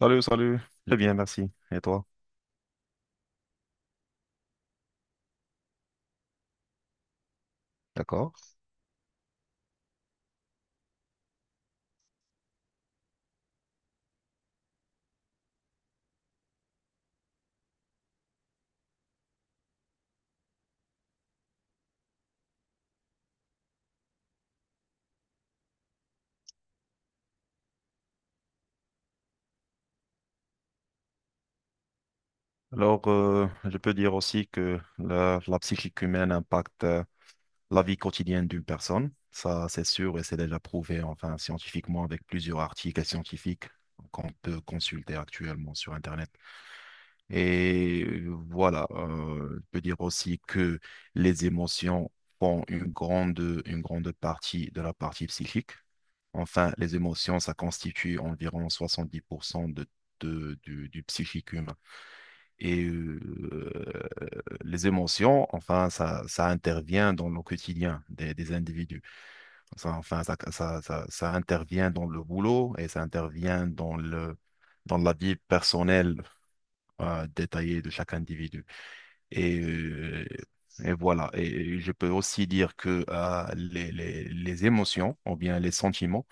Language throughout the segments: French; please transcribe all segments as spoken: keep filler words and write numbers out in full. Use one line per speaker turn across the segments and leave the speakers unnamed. Salut, salut. Très bien, merci. Et toi? D'accord? Alors, euh, je peux dire aussi que la, la psychique humaine impacte euh, la vie quotidienne d'une personne. Ça, c'est sûr et c'est déjà prouvé, enfin, scientifiquement, avec plusieurs articles scientifiques qu'on peut consulter actuellement sur Internet. Et euh, voilà, euh, je peux dire aussi que les émotions font une grande, une grande partie de la partie psychique. Enfin, les émotions, ça constitue environ soixante-dix pour cent de, de- du, du psychique humain. Et euh, les émotions, enfin, ça, ça intervient dans le quotidien des, des individus. Ça, enfin, ça, ça, ça, ça intervient dans le boulot et ça intervient dans le, dans la vie personnelle euh, détaillée de chaque individu. Et, euh, et voilà. Et je peux aussi dire que euh, les, les, les émotions, ou bien les sentiments,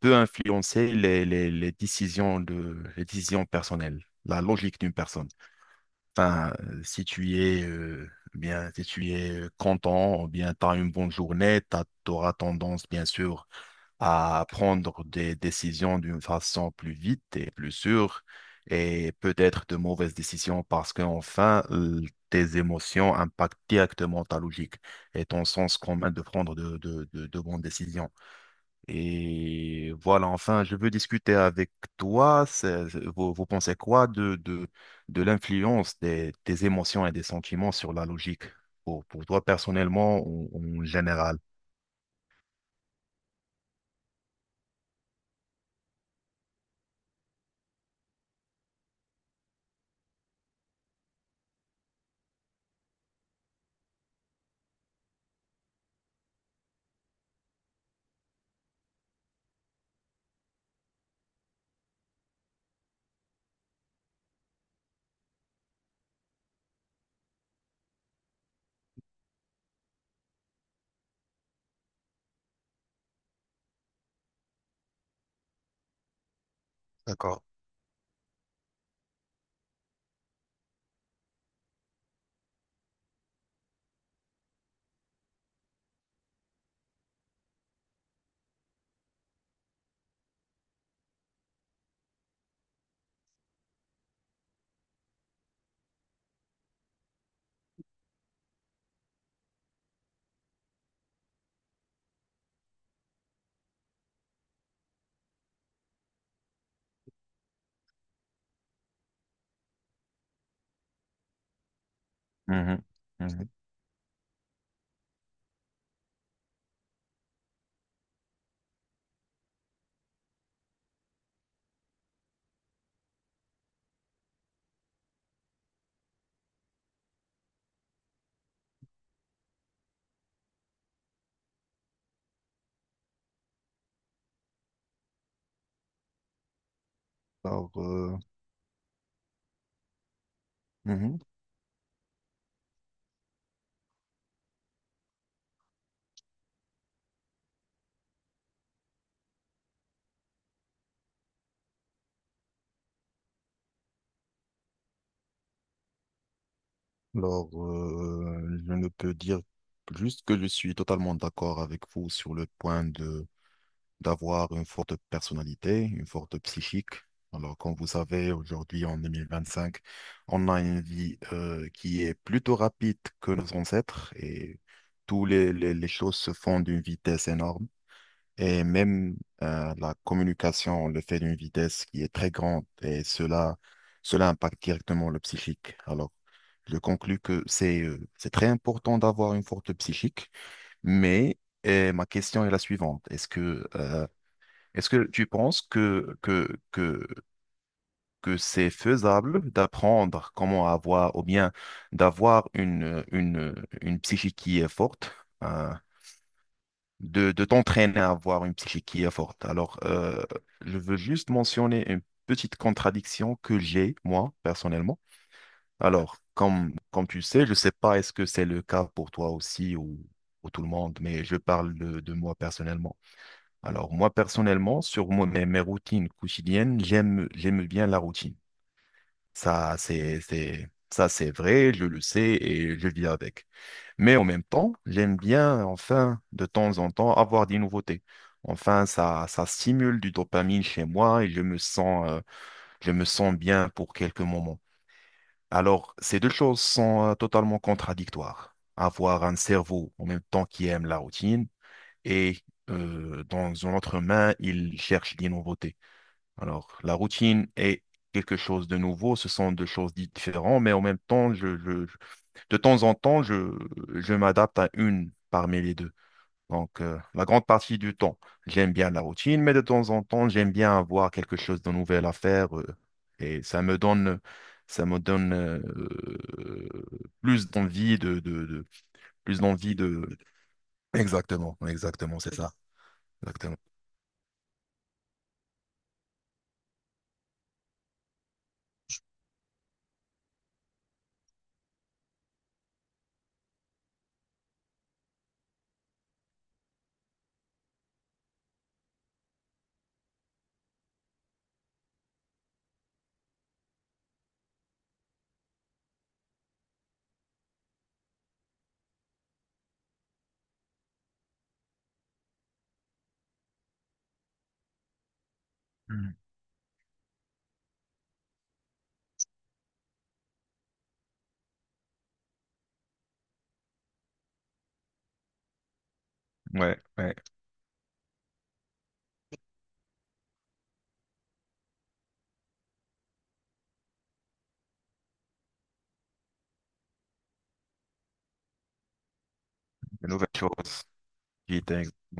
peut influencer les, les- les décisions de, les décisions personnelles, la logique d'une personne. Enfin, euh, si tu es, euh, bien, si tu es euh, content, ou bien tu as une bonne journée, tu auras tendance, bien sûr, à prendre des décisions d'une façon plus vite et plus sûre, et peut-être de mauvaises décisions parce qu'enfin, tes émotions impactent directement ta logique et ton sens commun de prendre de de- de- de bonnes décisions. Et voilà, enfin, je veux discuter avec toi. c'est- Vous, vous pensez quoi de, de, de l'influence des, des émotions et des sentiments sur la logique, pour, pour toi personnellement ou en général? Mhm, mhm. Alors, euh, mhm. Alors, euh, je ne peux dire juste que je suis totalement d'accord avec vous sur le point d'avoir une forte personnalité, une forte psychique. Alors, comme vous savez, aujourd'hui, en deux mille vingt-cinq, on a une vie euh, qui est plutôt rapide que nos ancêtres et toutes les, les- les choses se font d'une vitesse énorme. Et même euh, la communication, on le fait d'une vitesse qui est très grande et cela, cela impacte directement le psychique. Alors, je conclus que c'est euh, c'est très important d'avoir une forte psychique, mais et ma question est la suivante. Est-ce que euh, est-ce que tu penses que, que, que, que c'est faisable d'apprendre comment avoir, ou bien d'avoir une, une, une psychique qui est forte, hein, de, de t'entraîner à avoir une psychique qui est forte? Alors, euh, je veux juste mentionner une petite contradiction que j'ai, moi, personnellement. Alors, comme, comme tu sais, je ne sais pas est-ce que c'est le cas pour toi aussi ou pour tout le monde, mais je parle de de moi personnellement. Alors moi personnellement, sur mon- mes, mes routines quotidiennes, j'aime j'aime bien la routine. Ça c'est c'est ça c'est vrai, je le sais et je vis avec. Mais en même temps, j'aime bien enfin de temps en temps avoir des nouveautés. Enfin ça ça stimule du dopamine chez moi et je me sens euh, je me sens bien pour quelques moments. Alors ces deux choses sont euh, totalement contradictoires. Avoir un cerveau en même temps qui aime la routine et euh, dans une autre main, il cherche des nouveautés. Alors, la routine est quelque chose de nouveau, ce sont deux choses différentes, mais en même temps, je, je- je- de temps en temps, je, je m'adapte à une parmi les deux. Donc, euh, la grande partie du temps, j'aime bien la routine, mais de temps en temps, j'aime bien avoir quelque chose de nouvel à faire, euh, et ça me donne, ça me donne euh, plus d'envie de, de, de- plus d'envie de. Exactement, exactement, c'est ça, exactement. Mhm. Ouais, ouais, de nouvelles choses qui étaient exactement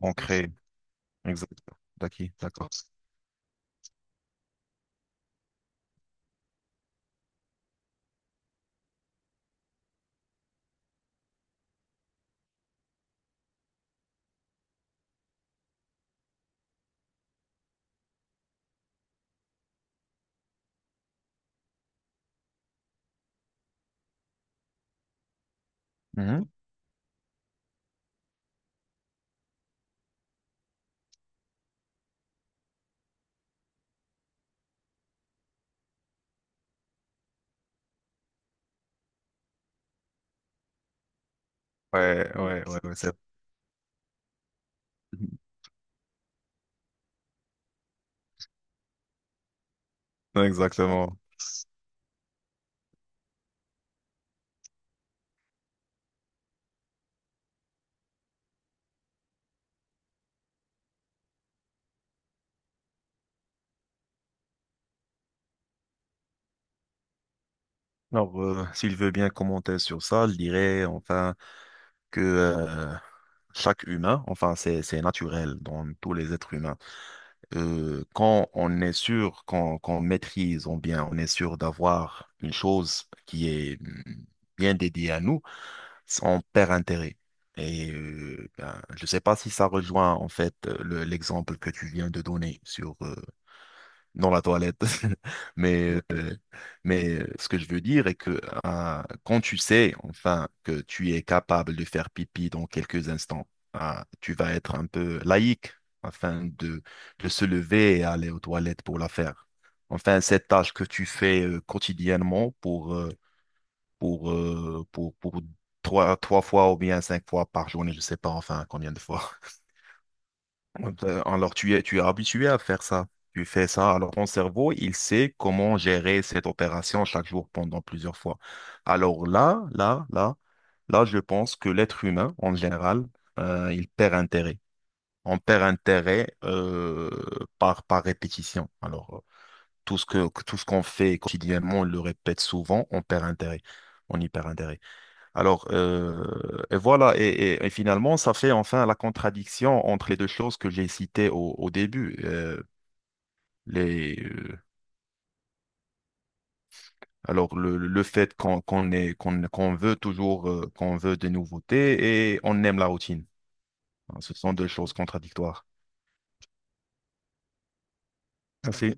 ancrées. Exact. Daki, d'accord. Mhm. Ouais, ouais, ouais, ouais, c'est- Non, exactement. Alors, euh, s'il veut bien commenter sur ça, je dirais enfin que euh, chaque humain, enfin c'est c'est naturel dans tous les êtres humains. Euh, quand on est sûr qu'on qu'on maîtrise, on bien, on est sûr d'avoir une chose qui est mm, bien dédiée à nous, on perd intérêt. Et euh, ben, je ne sais pas si ça rejoint en fait euh, le- l'exemple que tu viens de donner sur euh, dans la toilette. Mais, mais ce que je veux dire est que hein, quand tu sais enfin que tu es capable de faire pipi dans quelques instants, hein, tu vas être un peu laïque afin de, de se lever et aller aux toilettes pour la faire. Enfin, cette tâche que tu fais euh, quotidiennement pour, euh, pour, euh, pour, pour trois, trois fois ou bien cinq fois par journée, je ne sais pas enfin combien de fois. Euh, ben, Alors, tu es, tu es habitué à faire ça. Tu fais ça. Alors, ton cerveau, il sait comment gérer cette opération chaque jour pendant plusieurs fois. Alors là, là, là, là, je pense que l'être humain, en général, euh, il perd intérêt. On perd intérêt euh, par, par répétition. Alors, euh, tout ce que, tout ce qu'on fait quotidiennement, on le répète souvent, on perd intérêt. On y perd intérêt. Alors, euh, et voilà, et, et- et finalement, ça fait enfin la contradiction entre les deux choses que j'ai citées au, au début. Euh, les, euh, alors, le, le fait qu'on qu'on est, qu'on, qu'on veut toujours, euh, qu'on veut des nouveautés et on aime la routine. Ce sont deux choses contradictoires. Merci.